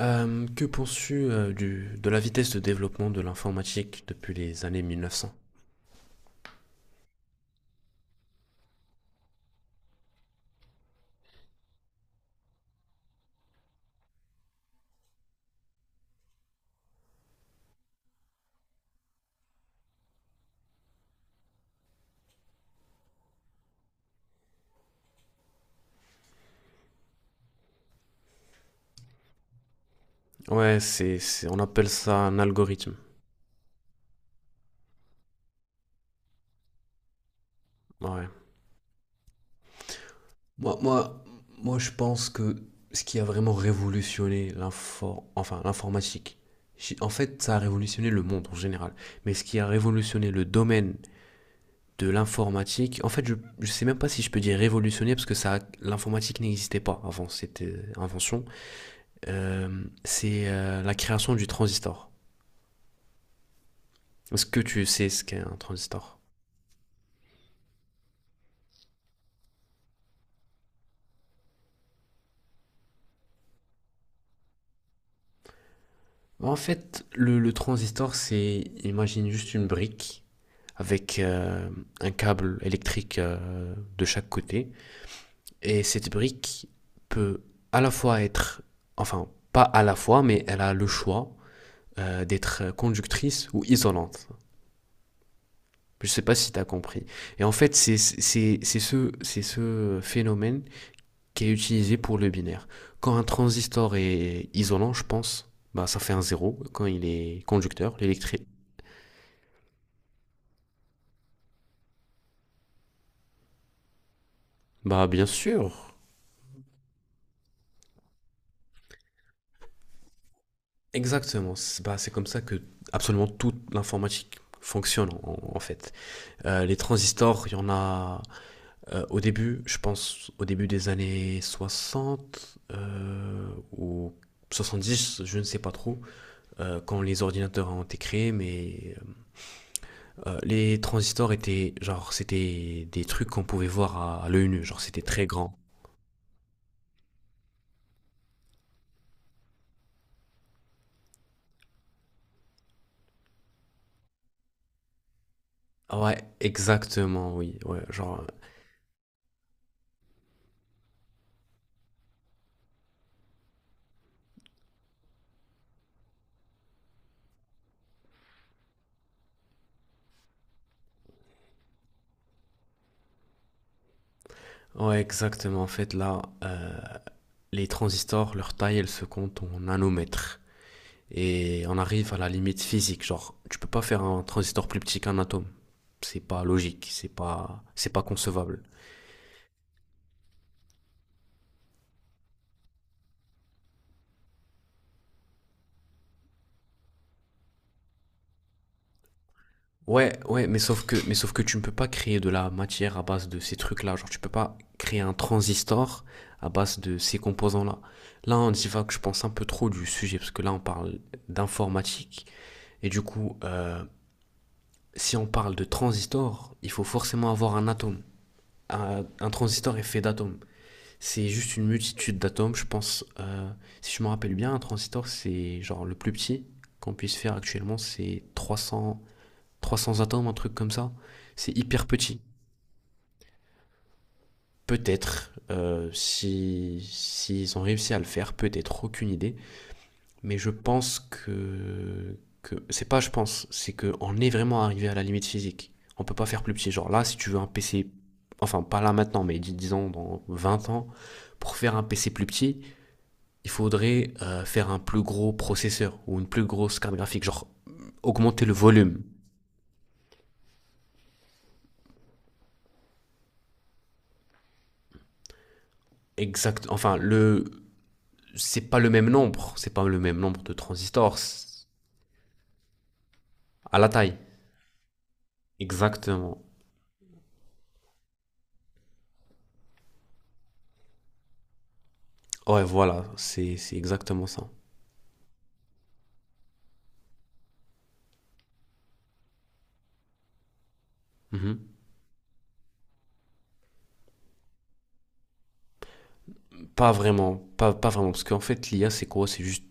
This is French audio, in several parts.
Que penses-tu de la vitesse de développement de l'informatique depuis les années 1900? Ouais, c'est, on appelle ça un algorithme. Ouais. Moi, moi, moi, je pense que ce qui a vraiment révolutionné l'informatique, en fait, ça a révolutionné le monde en général. Mais ce qui a révolutionné le domaine de l'informatique, en fait, je ne sais même pas si je peux dire révolutionné parce que ça, l'informatique n'existait pas avant cette invention. C'est la création du transistor. Est-ce que tu sais ce qu'est un transistor? En fait, le transistor, imagine juste une brique avec un câble électrique de chaque côté. Et cette brique peut à la fois être, enfin, pas à la fois, mais elle a le choix d'être conductrice ou isolante. Je ne sais pas si tu as compris. Et en fait, c'est ce phénomène qui est utilisé pour le binaire. Quand un transistor est isolant, je pense, bah ça fait un zéro. Quand il est conducteur, l'électrique, bah bien sûr. Exactement. Bah, c'est comme ça que absolument toute l'informatique fonctionne en fait. Les transistors, il y en a au début, je pense au début des années 60 ou dix je ne sais pas trop, quand les ordinateurs ont été créés, les transistors étaient, genre, c'était des trucs qu'on pouvait voir à l'œil nu, genre, c'était très grand. Ah, ouais, exactement, oui, ouais, genre, ouais, exactement. En fait, là, les transistors, leur taille, elle se compte en nanomètres. Et on arrive à la limite physique, genre, tu peux pas faire un transistor plus petit qu'un atome. C'est pas logique, c'est pas concevable. Ouais, ouais, mais sauf que tu ne peux pas créer de la matière à base de ces trucs-là. Genre, tu peux pas créer un transistor à base de ces composants-là. Là, on divague, je pense, un peu trop du sujet, parce que là, on parle d'informatique. Et du coup, si on parle de transistor, il faut forcément avoir un atome. Un transistor est fait d'atomes. C'est juste une multitude d'atomes, je pense. Si je me rappelle bien, un transistor, c'est genre le plus petit qu'on puisse faire actuellement, c'est 300 300 atomes, un truc comme ça. C'est hyper petit. Peut-être, si s'ils ont réussi à le faire, peut-être, aucune idée. Mais je pense que c'est pas je pense, c'est qu'on est vraiment arrivé à la limite physique. On peut pas faire plus petit. Genre là, si tu veux un PC, enfin pas là maintenant, mais disons dans 20 ans, pour faire un PC plus petit, il faudrait faire un plus gros processeur ou une plus grosse carte graphique, genre augmenter le volume. Exact, enfin, c'est pas le même nombre de transistors à la taille. Exactement. Ouais, voilà, c'est exactement ça. Mhm. Pas vraiment, parce qu'en fait, l'IA, c'est quoi? C'est juste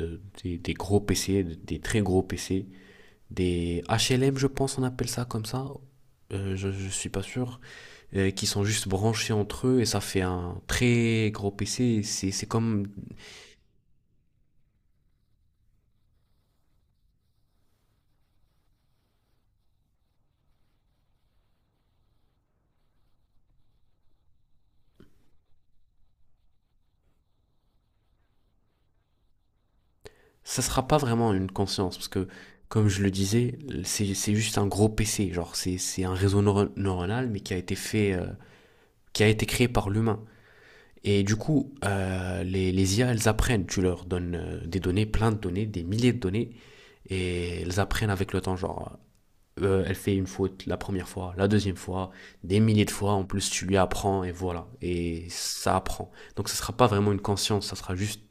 des gros PC, des très gros PC, des HLM, je pense, on appelle ça comme ça. Je suis pas sûr, qui sont juste branchés entre eux et ça fait un très gros PC. C'est comme ça sera pas vraiment une conscience, parce que, comme je le disais, c'est juste un gros PC, genre c'est un réseau neuronal, mais qui a été fait, qui a été créé par l'humain. Et du coup, les IA, elles apprennent, tu leur donnes des données, plein de données, des milliers de données, et elles apprennent avec le temps, genre, elle fait une faute la première fois, la deuxième fois, des milliers de fois, en plus tu lui apprends, et voilà, et ça apprend. Donc ça sera pas vraiment une conscience, ça sera juste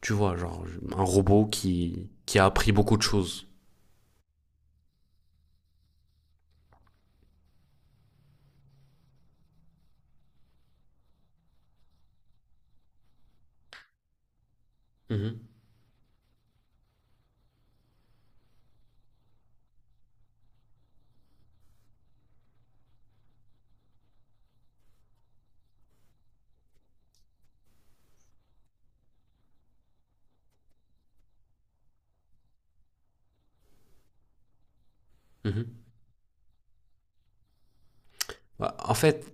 tu vois, genre un robot qui a appris beaucoup de choses. Mhm, mhm. Bah, en fait,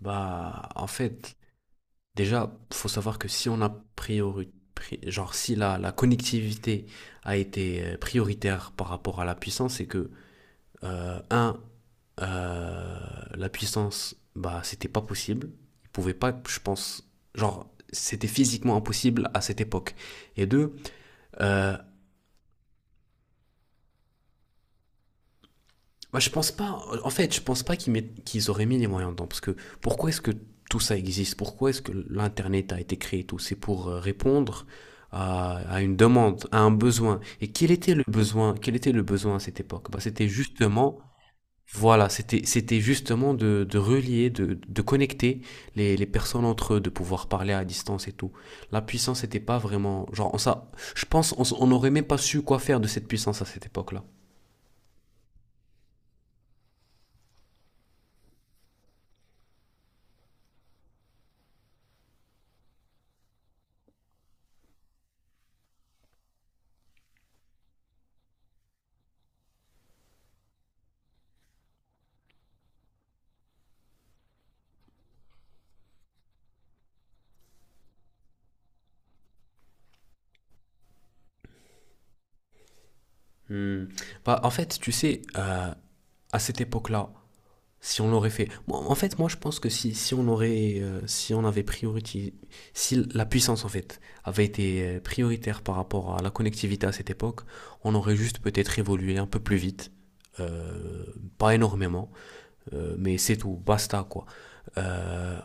bah, en fait, déjà, faut savoir que si on a priori, pri- genre si la connectivité a été prioritaire par rapport à la puissance, c'est que un, euh, la puissance, bah, c'était pas possible. Ils pouvaient pas, je pense, genre c'était physiquement impossible à cette époque. Et deux, euh, moi, je pense pas. En fait, je pense pas qu'ils auraient mis les moyens dedans. Parce que pourquoi est-ce que tout ça existe? Pourquoi est-ce que l'Internet a été créé et tout? C'est pour répondre à une demande, à un besoin. Et quel était le besoin? Quel était le besoin à cette époque? Bah, c'était justement, voilà, c'était justement de relier, de connecter les personnes entre eux, de pouvoir parler à distance et tout. La puissance n'était pas vraiment. Genre, on, ça, je pense on, s- on n'aurait même pas su quoi faire de cette puissance à cette époque-là. Hmm. Bah, en fait, tu sais, à cette époque-là, si on l'aurait fait, moi, je pense que si on avait priorité, si la puissance, en fait, avait été prioritaire par rapport à la connectivité à cette époque, on aurait juste peut-être évolué un peu plus vite, euh, pas énormément, mais c'est tout, basta, quoi. Euh,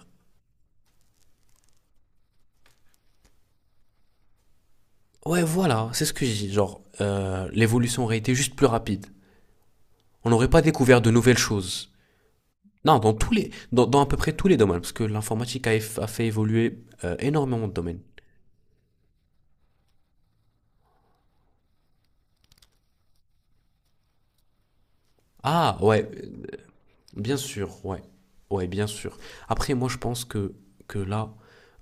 ouais, voilà, c'est ce que je dis, genre, l'évolution aurait été juste plus rapide. On n'aurait pas découvert de nouvelles choses. Non, dans à peu près tous les domaines, parce que l'informatique a fait évoluer énormément de domaines. Ah, ouais, bien sûr, ouais, ouais, bien sûr. Après, moi, je pense que là,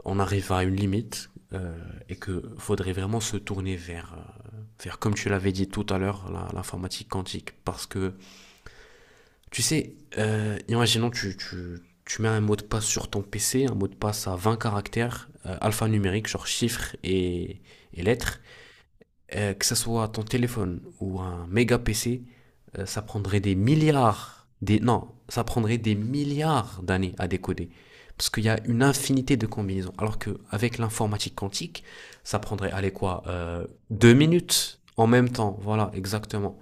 on arrive à une limite et que faudrait vraiment se tourner vers euh, vers comme tu l'avais dit tout à l'heure, l'informatique quantique, parce que tu sais, imaginons tu mets un mot de passe sur ton PC, un mot de passe à 20 caractères, alphanumériques, genre chiffres et lettres. Que ce soit ton téléphone ou un méga PC, ça prendrait des milliards, des, non, ça prendrait des milliards d'années à décoder. Parce qu'il y a une infinité de combinaisons. Alors qu'avec l'informatique quantique, ça prendrait, allez quoi, 2 minutes en même temps. Voilà, exactement.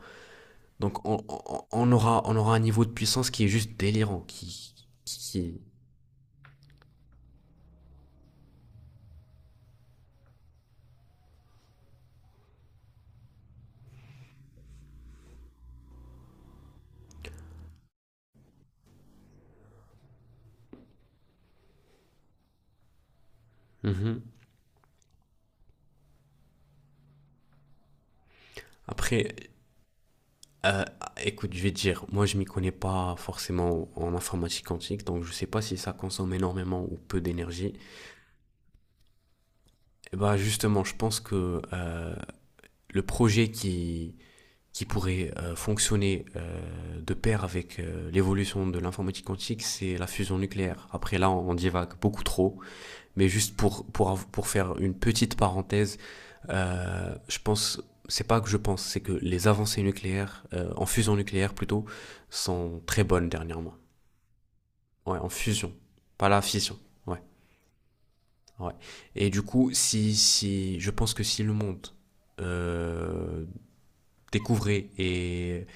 Donc on aura un niveau de puissance qui est juste délirant, qui, Mhm. Après, Euh, écoute, je vais te dire, moi je m'y connais pas forcément en informatique quantique, donc je sais pas si ça consomme énormément ou peu d'énergie. Et bah justement, je pense que le projet qui pourrait fonctionner de pair avec l'évolution de l'informatique quantique, c'est la fusion nucléaire. Après là, on divague beaucoup trop. Mais juste pour faire une petite parenthèse, je pense, c'est pas que je pense, c'est que les avancées nucléaires, en fusion nucléaire plutôt, sont très bonnes dernièrement. Ouais, en fusion, pas la fission. Ouais, ouais. Et du coup, si, je pense que si le monde euh, découvrait et,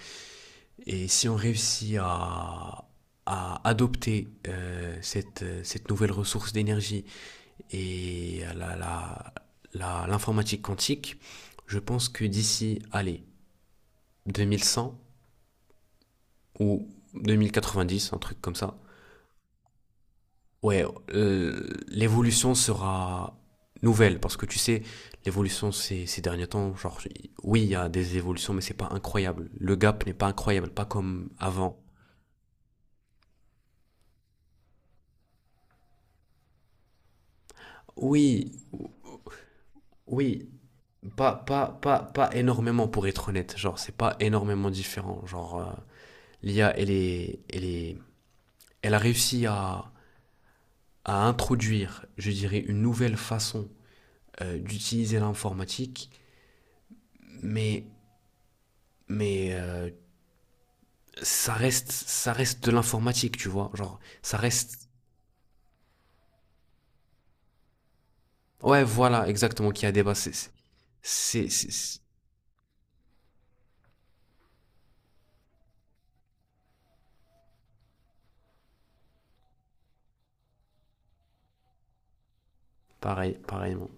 et si on réussit à adopter cette nouvelle ressource d'énergie et la, l'informatique quantique, je pense que d'ici, allez, 2100 ou 2090, un truc comme ça, ouais, l'évolution sera nouvelle parce que tu sais, l'évolution ces derniers temps, genre, oui, il y a des évolutions, mais c'est pas incroyable. Le gap n'est pas incroyable, pas comme avant. Oui, oui, pas énormément pour être honnête. Genre, c'est pas énormément différent. Genre, l'IA, elle a réussi à introduire, je dirais, une nouvelle façon d'utiliser l'informatique, mais, mais ça reste de l'informatique, tu vois. Genre, ça reste. Ouais, voilà, exactement, qui a dépassé. C'est pareil, pareillement.